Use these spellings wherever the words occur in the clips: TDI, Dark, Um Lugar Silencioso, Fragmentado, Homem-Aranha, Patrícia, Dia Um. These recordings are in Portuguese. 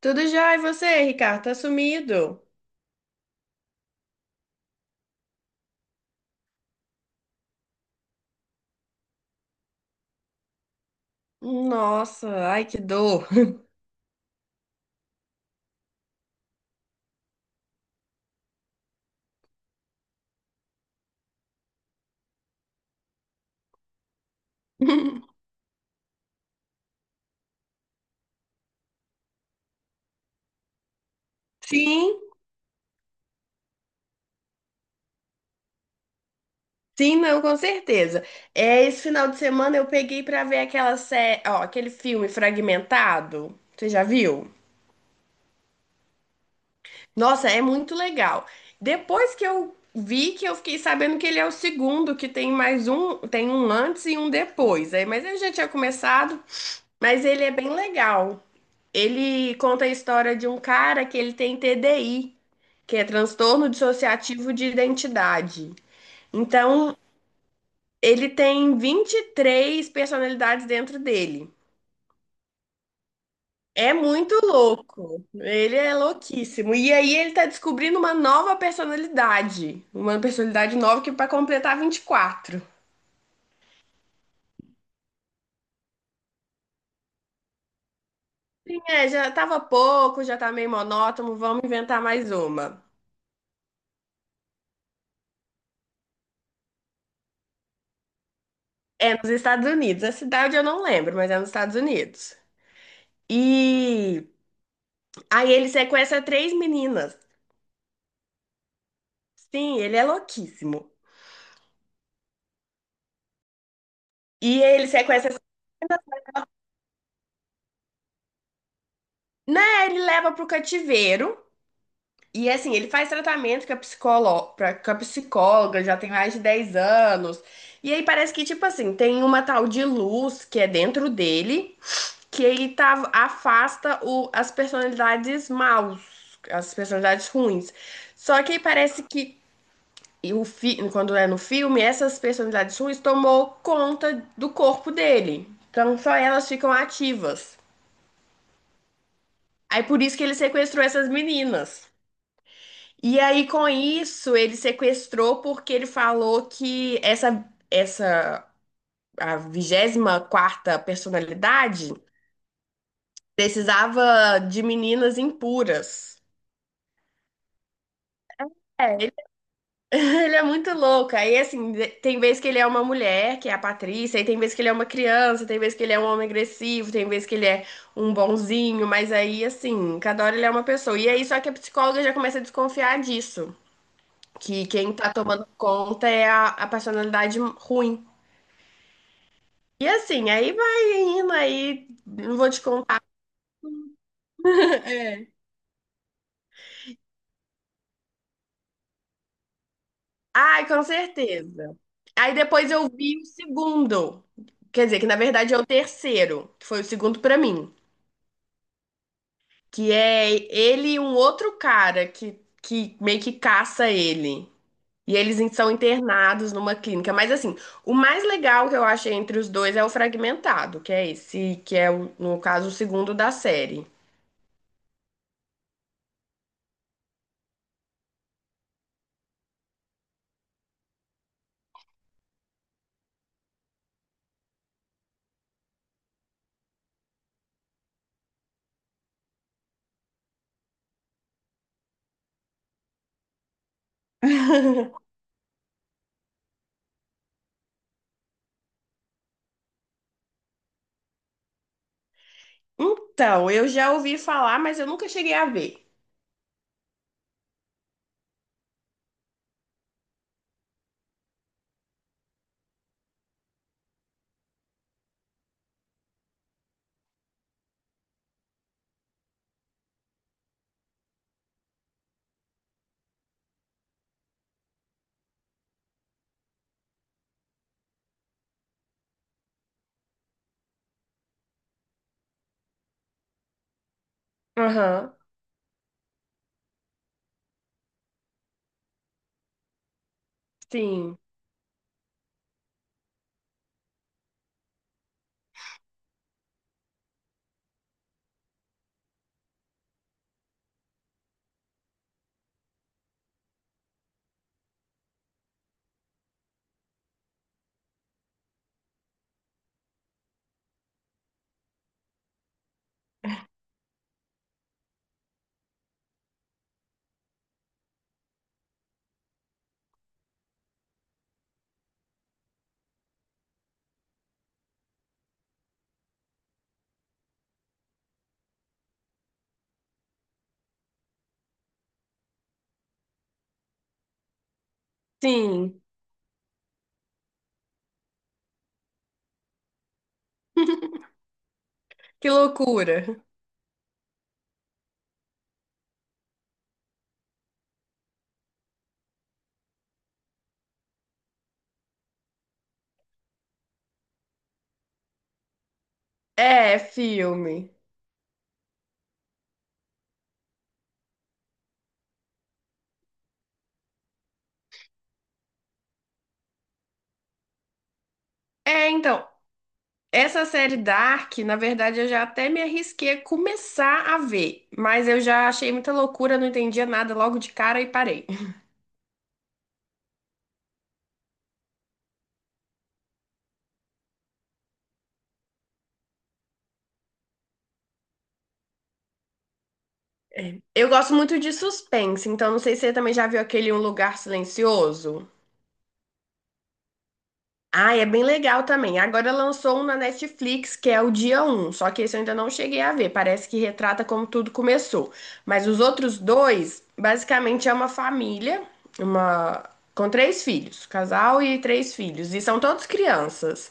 Tudo já, e você, Ricardo? Tá sumido? Nossa, ai que dor. Sim, sim, não, com certeza. É, esse final de semana eu peguei pra ver aquela série, ó, aquele filme Fragmentado. Você já viu? Nossa, é muito legal. Depois que eu vi que eu fiquei sabendo que ele é o segundo, que tem mais um, tem um antes e um depois. Aí, mas eu já tinha começado, mas ele é bem legal. Ele conta a história de um cara que ele tem TDI, que é transtorno dissociativo de identidade. Então, ele tem 23 personalidades dentro dele. É muito louco. Ele é louquíssimo. E aí ele tá descobrindo uma nova personalidade. Uma personalidade nova que para completar 24. Sim, é, já tava pouco, já tá meio monótono, vamos inventar mais uma. É nos Estados Unidos. A cidade eu não lembro, mas é nos Estados Unidos. E aí ele sequestra três meninas. Sim, ele é louquíssimo. E ele sequestra, né? Ele leva pro cativeiro. E assim, ele faz tratamento com a psicóloga, já tem mais de 10 anos. E aí parece que, tipo assim, tem uma tal de luz que é dentro dele, que ele tá, as personalidades maus, as personalidades ruins. Só que aí parece que, quando é no filme, essas personalidades ruins tomou conta do corpo dele. Então só elas ficam ativas. Aí por isso que ele sequestrou essas meninas. E aí com isso ele sequestrou porque ele falou que essa a 24ª personalidade precisava de meninas impuras. É. Ele, ele é muito louco. Aí assim, de- tem vez que ele é uma mulher, que é a Patrícia, aí tem vez que ele é uma criança, tem vez que ele é um homem agressivo, tem vez que ele é um bonzinho, mas aí assim, cada hora ele é uma pessoa. E aí só que a psicóloga já começa a desconfiar disso, que quem tá tomando conta é a personalidade ruim. E assim, aí vai indo, aí não vou te contar. É. Ai, com certeza. Aí depois eu vi o segundo. Quer dizer, que na verdade é o terceiro, que foi o segundo pra mim. Que é ele e um outro cara que meio que caça ele. E são internados numa clínica. Mas assim, o mais legal que eu achei entre os dois é o Fragmentado, que é esse, que é, o- no caso, o segundo da série. Então, eu já ouvi falar, mas eu nunca cheguei a ver. Aham, sim, sim. Que loucura. É, filme. É, então, essa série Dark, na verdade, eu já até me arrisquei a começar a ver, mas eu já achei muita loucura, não entendia nada logo de cara e parei. Eu gosto muito de suspense, então não sei se você também já viu aquele Um Lugar Silencioso. Ah, é bem legal também. Agora lançou um na Netflix, que é o Dia Um. Só que esse eu ainda não cheguei a ver. Parece que retrata como tudo começou. Mas os outros dois, basicamente é uma família, uma com três filhos, casal e três filhos, e são todos crianças.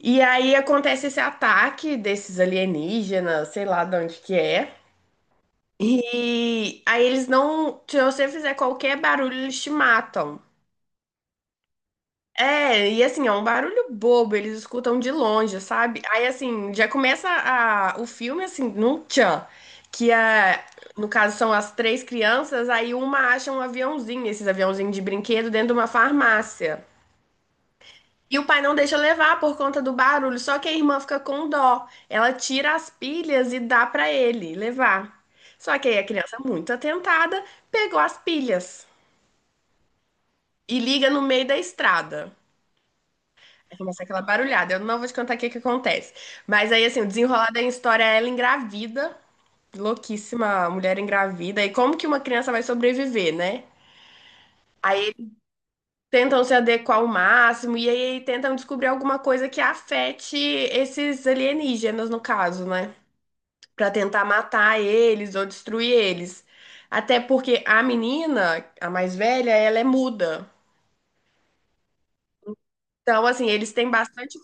E aí acontece esse ataque desses alienígenas, sei lá de onde que é. E aí eles não, se você fizer qualquer barulho, eles te matam. É, e assim, é um barulho bobo, eles escutam de longe, sabe? Aí assim, já começa a, o filme assim, num tchan, que é, no caso são as três crianças, aí uma acha um aviãozinho, esses aviãozinhos de brinquedo, dentro de uma farmácia. E o pai não deixa levar por conta do barulho, só que a irmã fica com dó. Ela tira as pilhas e dá pra ele levar. Só que aí a criança, muito atentada, pegou as pilhas e liga no meio da estrada. Começa aquela barulhada. Eu não vou te contar o que que acontece. Mas aí, assim, o desenrolar da história é ela engravida, louquíssima, a mulher engravida. E como que uma criança vai sobreviver, né? Aí eles tentam se adequar ao máximo e aí tentam descobrir alguma coisa que afete esses alienígenas, no caso, né? Pra tentar matar eles ou destruir eles. Até porque a menina, a mais velha, ela é muda. Então, assim, eles têm bastante.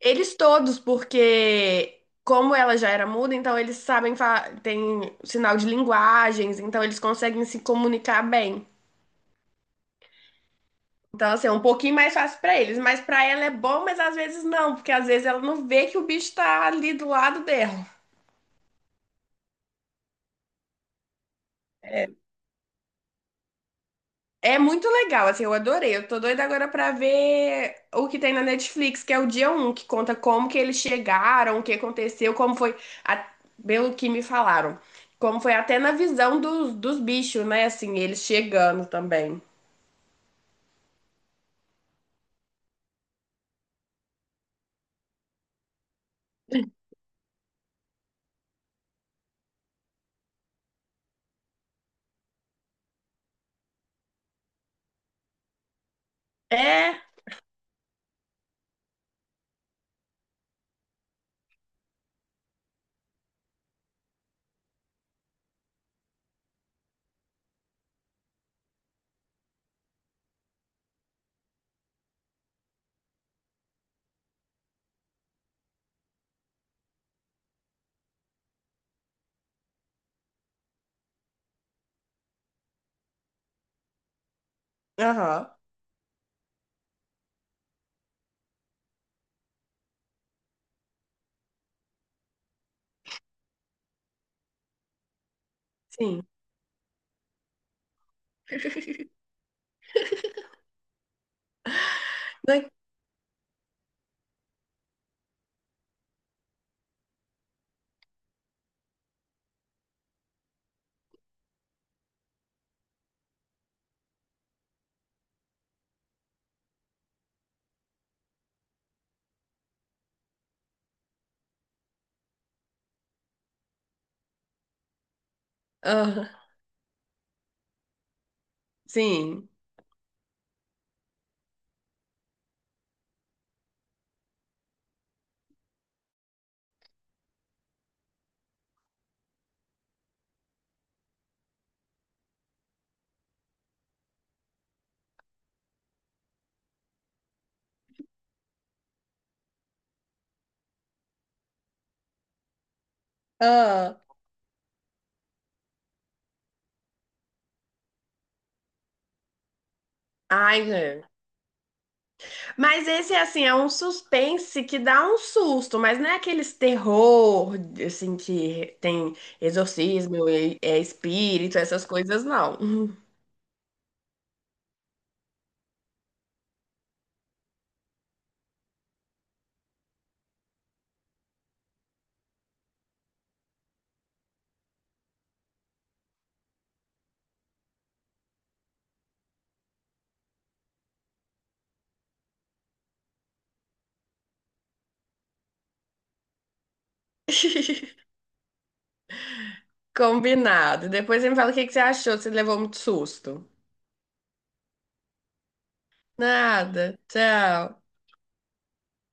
Eles todos, porque como ela já era muda, então eles sabem, tem sinal de linguagens, então eles conseguem se comunicar bem. Então, assim, é um pouquinho mais fácil pra eles, mas pra ela é bom, mas às vezes não, porque às vezes ela não vê que o bicho tá ali do lado dela. É muito legal, assim, eu adorei. Eu tô doida agora pra ver o que tem na Netflix, que é o Dia Um, que conta como que eles chegaram, o que aconteceu, como foi, a- pelo que me falaram, como foi até na visão dos bichos, né? Assim, eles chegando também. É, aham, sim. Né? Aham, sim. Ah, ai, é. Mas esse, assim, é um suspense que dá um susto, mas não é aqueles terror, assim, que tem exorcismo, é espírito, essas coisas, não. Combinado. Depois você me fala o que que você achou, se levou muito susto. Nada. Tchau.